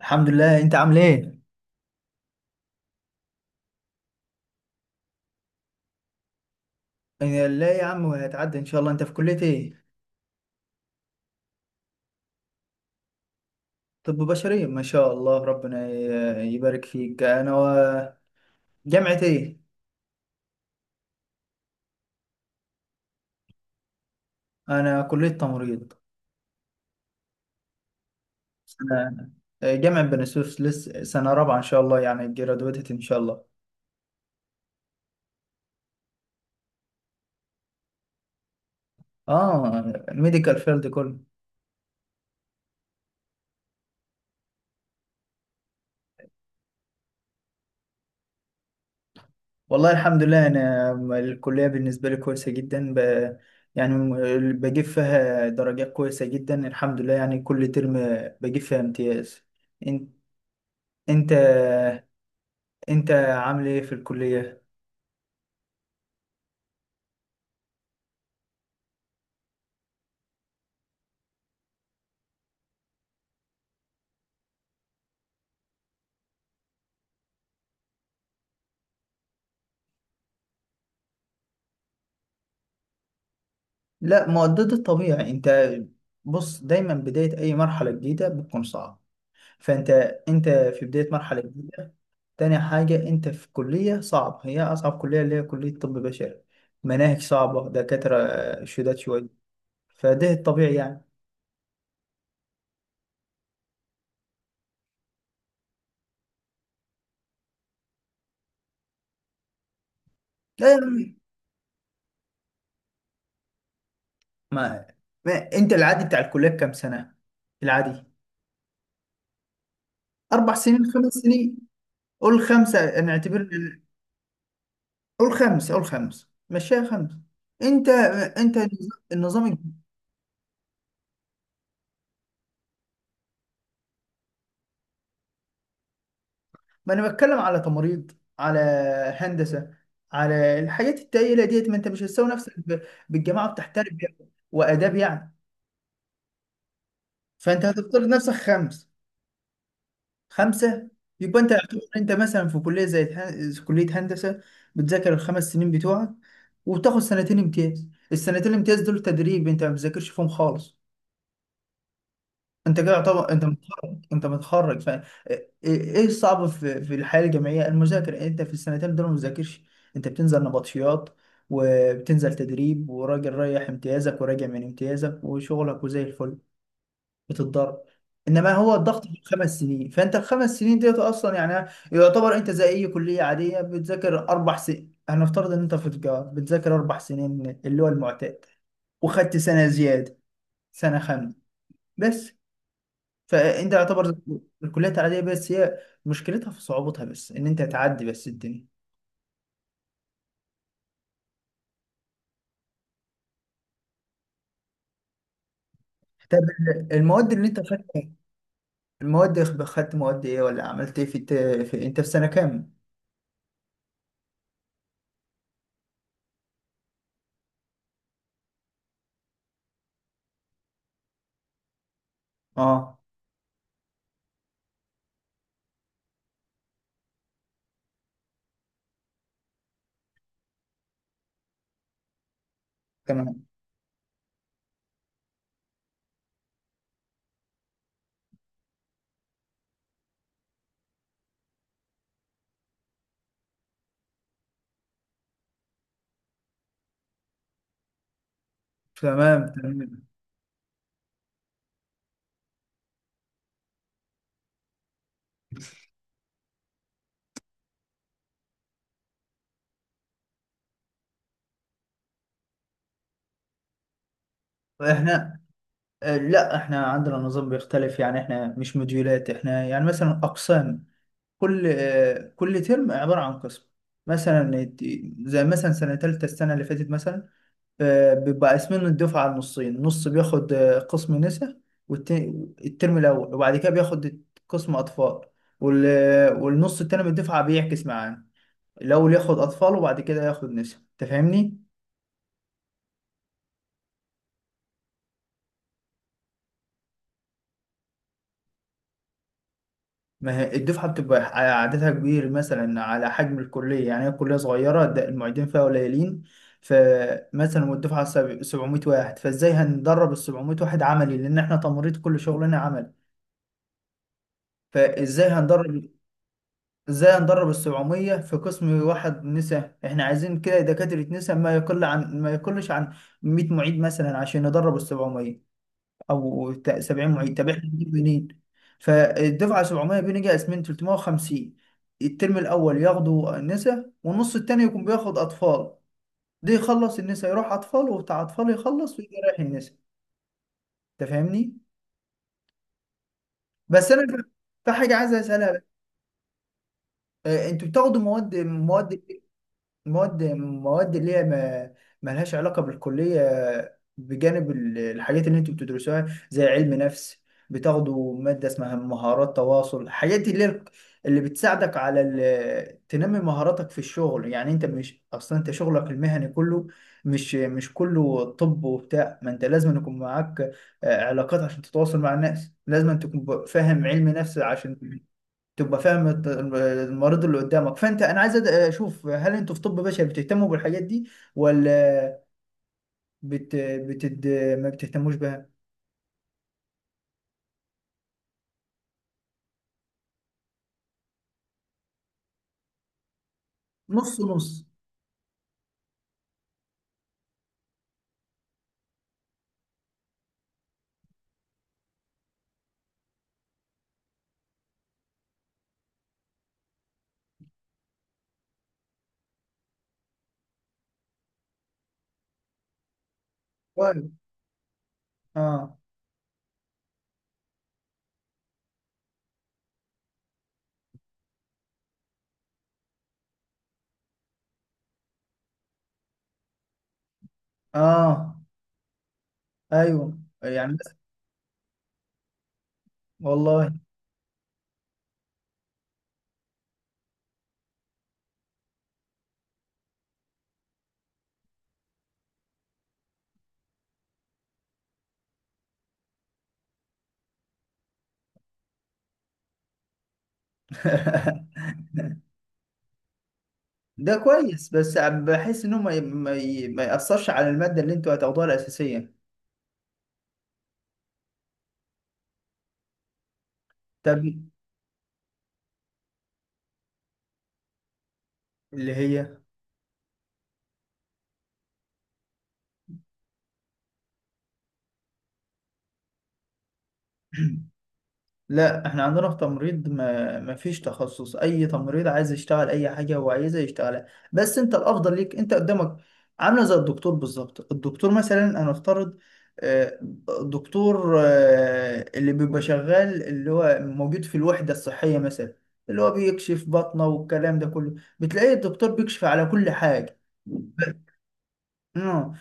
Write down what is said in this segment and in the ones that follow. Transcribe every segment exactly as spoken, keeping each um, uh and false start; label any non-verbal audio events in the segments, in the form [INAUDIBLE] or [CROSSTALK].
الحمد لله، انت عامل ايه؟ إيه، لا يا عم، هتعدي ان شاء الله. انت في كلية ايه؟ طب بشري، ما شاء الله، ربنا ي- يبارك فيك. انا و- جامعة ايه؟ انا كلية تمريض. سنة. جامعة بني سويف، لسه سنة رابعة ان شاء الله، يعني جرادويتد ان شاء الله. اه. الميديكال فيلد كله. والله الحمد لله. انا الكلية بالنسبة لي كويسة جدا، ب... يعني م- بجيب فيها درجات كويسة جدا الحمد لله، يعني كل ترم بجيب فيها امتياز. إن- انت انت عامل ايه في الكلية؟ لا، مؤدد الطبيعي. انت بص، دايما بداية اي مرحلة جديدة بتكون صعبة. فانت انت في بداية مرحلة جديدة. تاني حاجة، انت في كلية صعب، هي اصعب كلية اللي هي كلية طب بشري. مناهج صعبة، دكاترة آه، شداد شوية. فده الطبيعي يعني. لا يا عم، ما, ما انت العادي بتاع الكلية كام سنة؟ العادي اربع سنين، خمس سنين. قول خمسة نعتبر. قول خمس، قول خمس، مشيها خمس. انت انت النظام الجديد. ما انا بتكلم على تمريض، على هندسه، على الحاجات التقيله ديت. ما انت مش هتساوي نفسك ب- بالجماعه بتاع تربيه واداب يعني. فانت هتفترض نفسك خمس، خمسه. يبقى انت يعتبر انت مثلا في كليه زي الهن- كليه هندسه، بتذاكر الخمس سنين بتوعك، وبتاخد سنتين امتياز. السنتين الامتياز دول تدريب، انت ما بتذاكرش فيهم خالص. انت كده طبعا انت متخرج، انت متخرج ف ايه. إيه الصعب في في الحياه الجامعيه؟ المذاكره، يعني انت في السنتين دول ما بتذاكرش. انت بتنزل نبطشيات، وبتنزل تدريب، وراجل رايح امتيازك وراجع من امتيازك، وشغلك وزي الفل. بتتضرب. انما هو الضغط في الخمس سنين، فانت الخمس سنين ديت اصلا يعني يعتبر انت زي اي كليه عاديه بتذاكر اربع سنين. هنفترض ان انت في تجاره بتذاكر اربع سنين اللي هو المعتاد، وخدت سنه زياده، سنه خامسه بس. فانت يعتبر الكليات العاديه بس هي مشكلتها في صعوبتها، بس ان انت تعدي بس الدنيا. طب، المواد اللي انت خدتها، المواد، خ- خدت مواد ايه ولا عملت ايه في, الت... في انت في سنه كام؟ اه، تمام تمام تمام. احنا، آه، لا، احنا عندنا نظام بيختلف، يعني احنا مش موديولات، احنا يعني مثلا اقسام. كل آه، كل ترم عباره عن قسم. مثلا الت- زي مثلا سنه ثالثه، السنه اللي فاتت مثلا، آه، بيبقى قاسمين الدفعة على النصين، نص بياخد آه، قسم نساء والترم الأول، وبعد كده بياخد قسم أطفال. وال- والنص التاني من الدفعة بيعكس معاه، الأول ياخد أطفال وبعد كده ياخد نساء. أنت فاهمني؟ ما هي الدفعة بتبقى على عددها كبير مثلا على حجم الكلية، يعني هي الكلية صغيرة، ده المعيدين فيها قليلين. فمثلا والدفعة سب- سبعمائة واحد، فازاي هندرب ال سبعمائة واحد عملي؟ لأن احنا تمريض كل شغلنا عملي. فازاي هندرب، ازاي ندرب السبعمية في قسم واحد نساء؟ احنا عايزين كده دكاترة نساء ما يقل عن ما يقلش عن مئة معيد مثلا عشان ندرب السبعمية، او تا- سبعين معيد. طب احنا بنجيب منين؟ فالدفعة سبعمية بنيجي قاسمين ثلاثمائة وخمسين، الترم الاول ياخدوا نساء، والنص التاني يكون بياخد اطفال. ده يخلص النساء يروح اطفال، وبتاع اطفال يخلص ويجي رايح النساء. انت فاهمني؟ بس انا في في حاجة عايز اسألها بقى. آه، انتوا بتاخدوا مواد مواد مواد مواد اللي هي ما ملهاش علاقة بالكلية، بجانب ال- الحاجات اللي انتوا بتدرسوها زي علم نفس. بتاخدوا مادة اسمها مهارات تواصل. الحاجات دي اللي هي اللي بتساعدك على ال- تنمي مهاراتك في الشغل. يعني انت مش اصلا انت شغلك المهني كله مش مش كله طب وبتاع، ما انت لازم يكون معاك آه، علاقات عشان تتواصل مع الناس، لازم تكون ب- فاهم علم نفس عشان تبقى فاهم الت- المريض اللي قدامك. فانت، انا عايز أد- اشوف هل انتوا في طب بشري بتهتموا بالحاجات دي ولا بت... بتد... ما بتهتموش بها؟ نص نص. كويس. اه. اه، ايوه يعني بس- والله. [LAUGHS] ده كويس، بس بحس انه ما ي- ما ي- ما يأثرش على المادة اللي انتوا هتاخدوها الأساسية. طب، اللي هي؟ لا، احنا عندنا في تمريض ما ما فيش تخصص. اي تمريض عايز يشتغل اي حاجه هو عايزها يشتغلها. بس انت الافضل ليك انت قدامك، عامله زي الدكتور بالظبط. الدكتور مثلا هنفترض، آه، الدكتور آه، اللي بيبقى شغال، اللي هو موجود في الوحده الصحيه مثلا، اللي هو بيكشف بطنه والكلام ده كله، بتلاقي الدكتور بيكشف على كل حاجه. اه.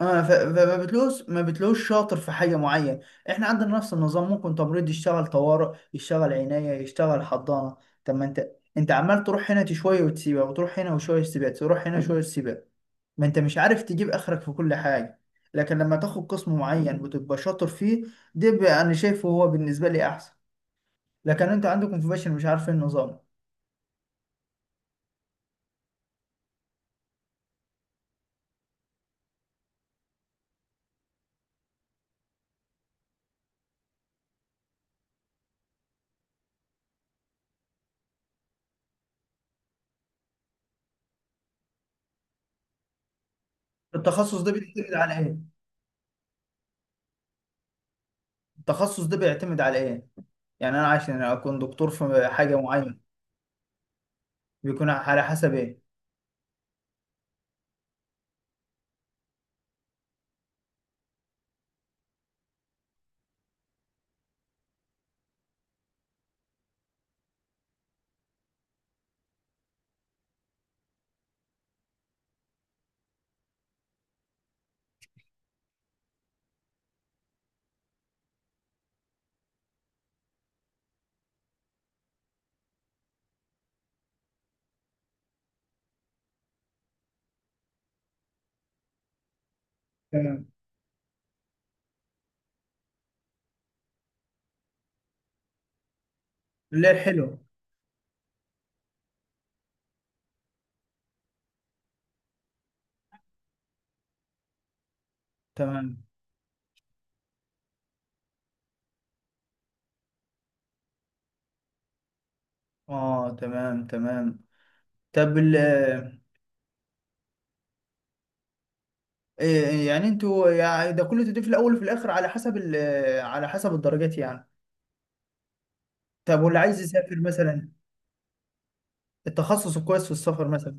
اه. ف- فما بتلوش ما بتلوش شاطر في حاجه معينه. احنا عندنا نفس النظام، ممكن تمريض يشتغل طوارئ، يشتغل عنايه، يشتغل حضانه. طب ما انت، انت عمال تروح هنا شويه وتسيبها، وتروح هنا وشويه تسيبها، تروح هنا شويه تسيبها. ما انت مش عارف تجيب اخرك في كل حاجه. لكن لما تاخد قسم معين وتبقى شاطر فيه، ده بقى انا شايفه هو بالنسبه لي احسن. لكن انت عندكم في باشا، مش عارفين النظام. التخصص ده بيعتمد على ايه؟ التخصص ده بيعتمد على ايه؟ يعني انا عشان اكون دكتور في حاجه معينه، بيكون على حسب ايه؟ تمام. اللي هي الحلوة. تمام. اه، تمام تمام. طب ال آه، إيه يعني انتوا يعني ده كله تضيف في الاول وفي الاخر على حسب ال آه، على حسب الدرجات يعني. طب، واللي عايز يسافر مثلا؟ التخصص الكويس في السفر مثلا؟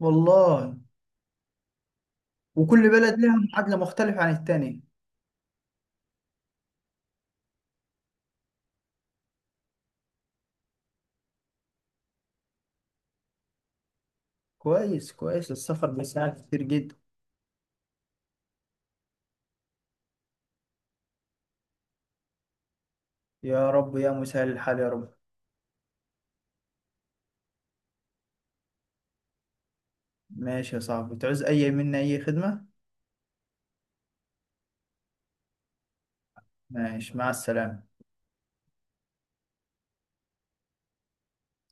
والله. وكل بلد لها معادلة مختلفة عن التانية. كويس كويس، السفر بيساعد كتير جدا. يا رب، يا مسهل الحال، يا رب. ماشي يا صاحبي، تعوز اي منا اي خدمة. ماشي، مع السلامة.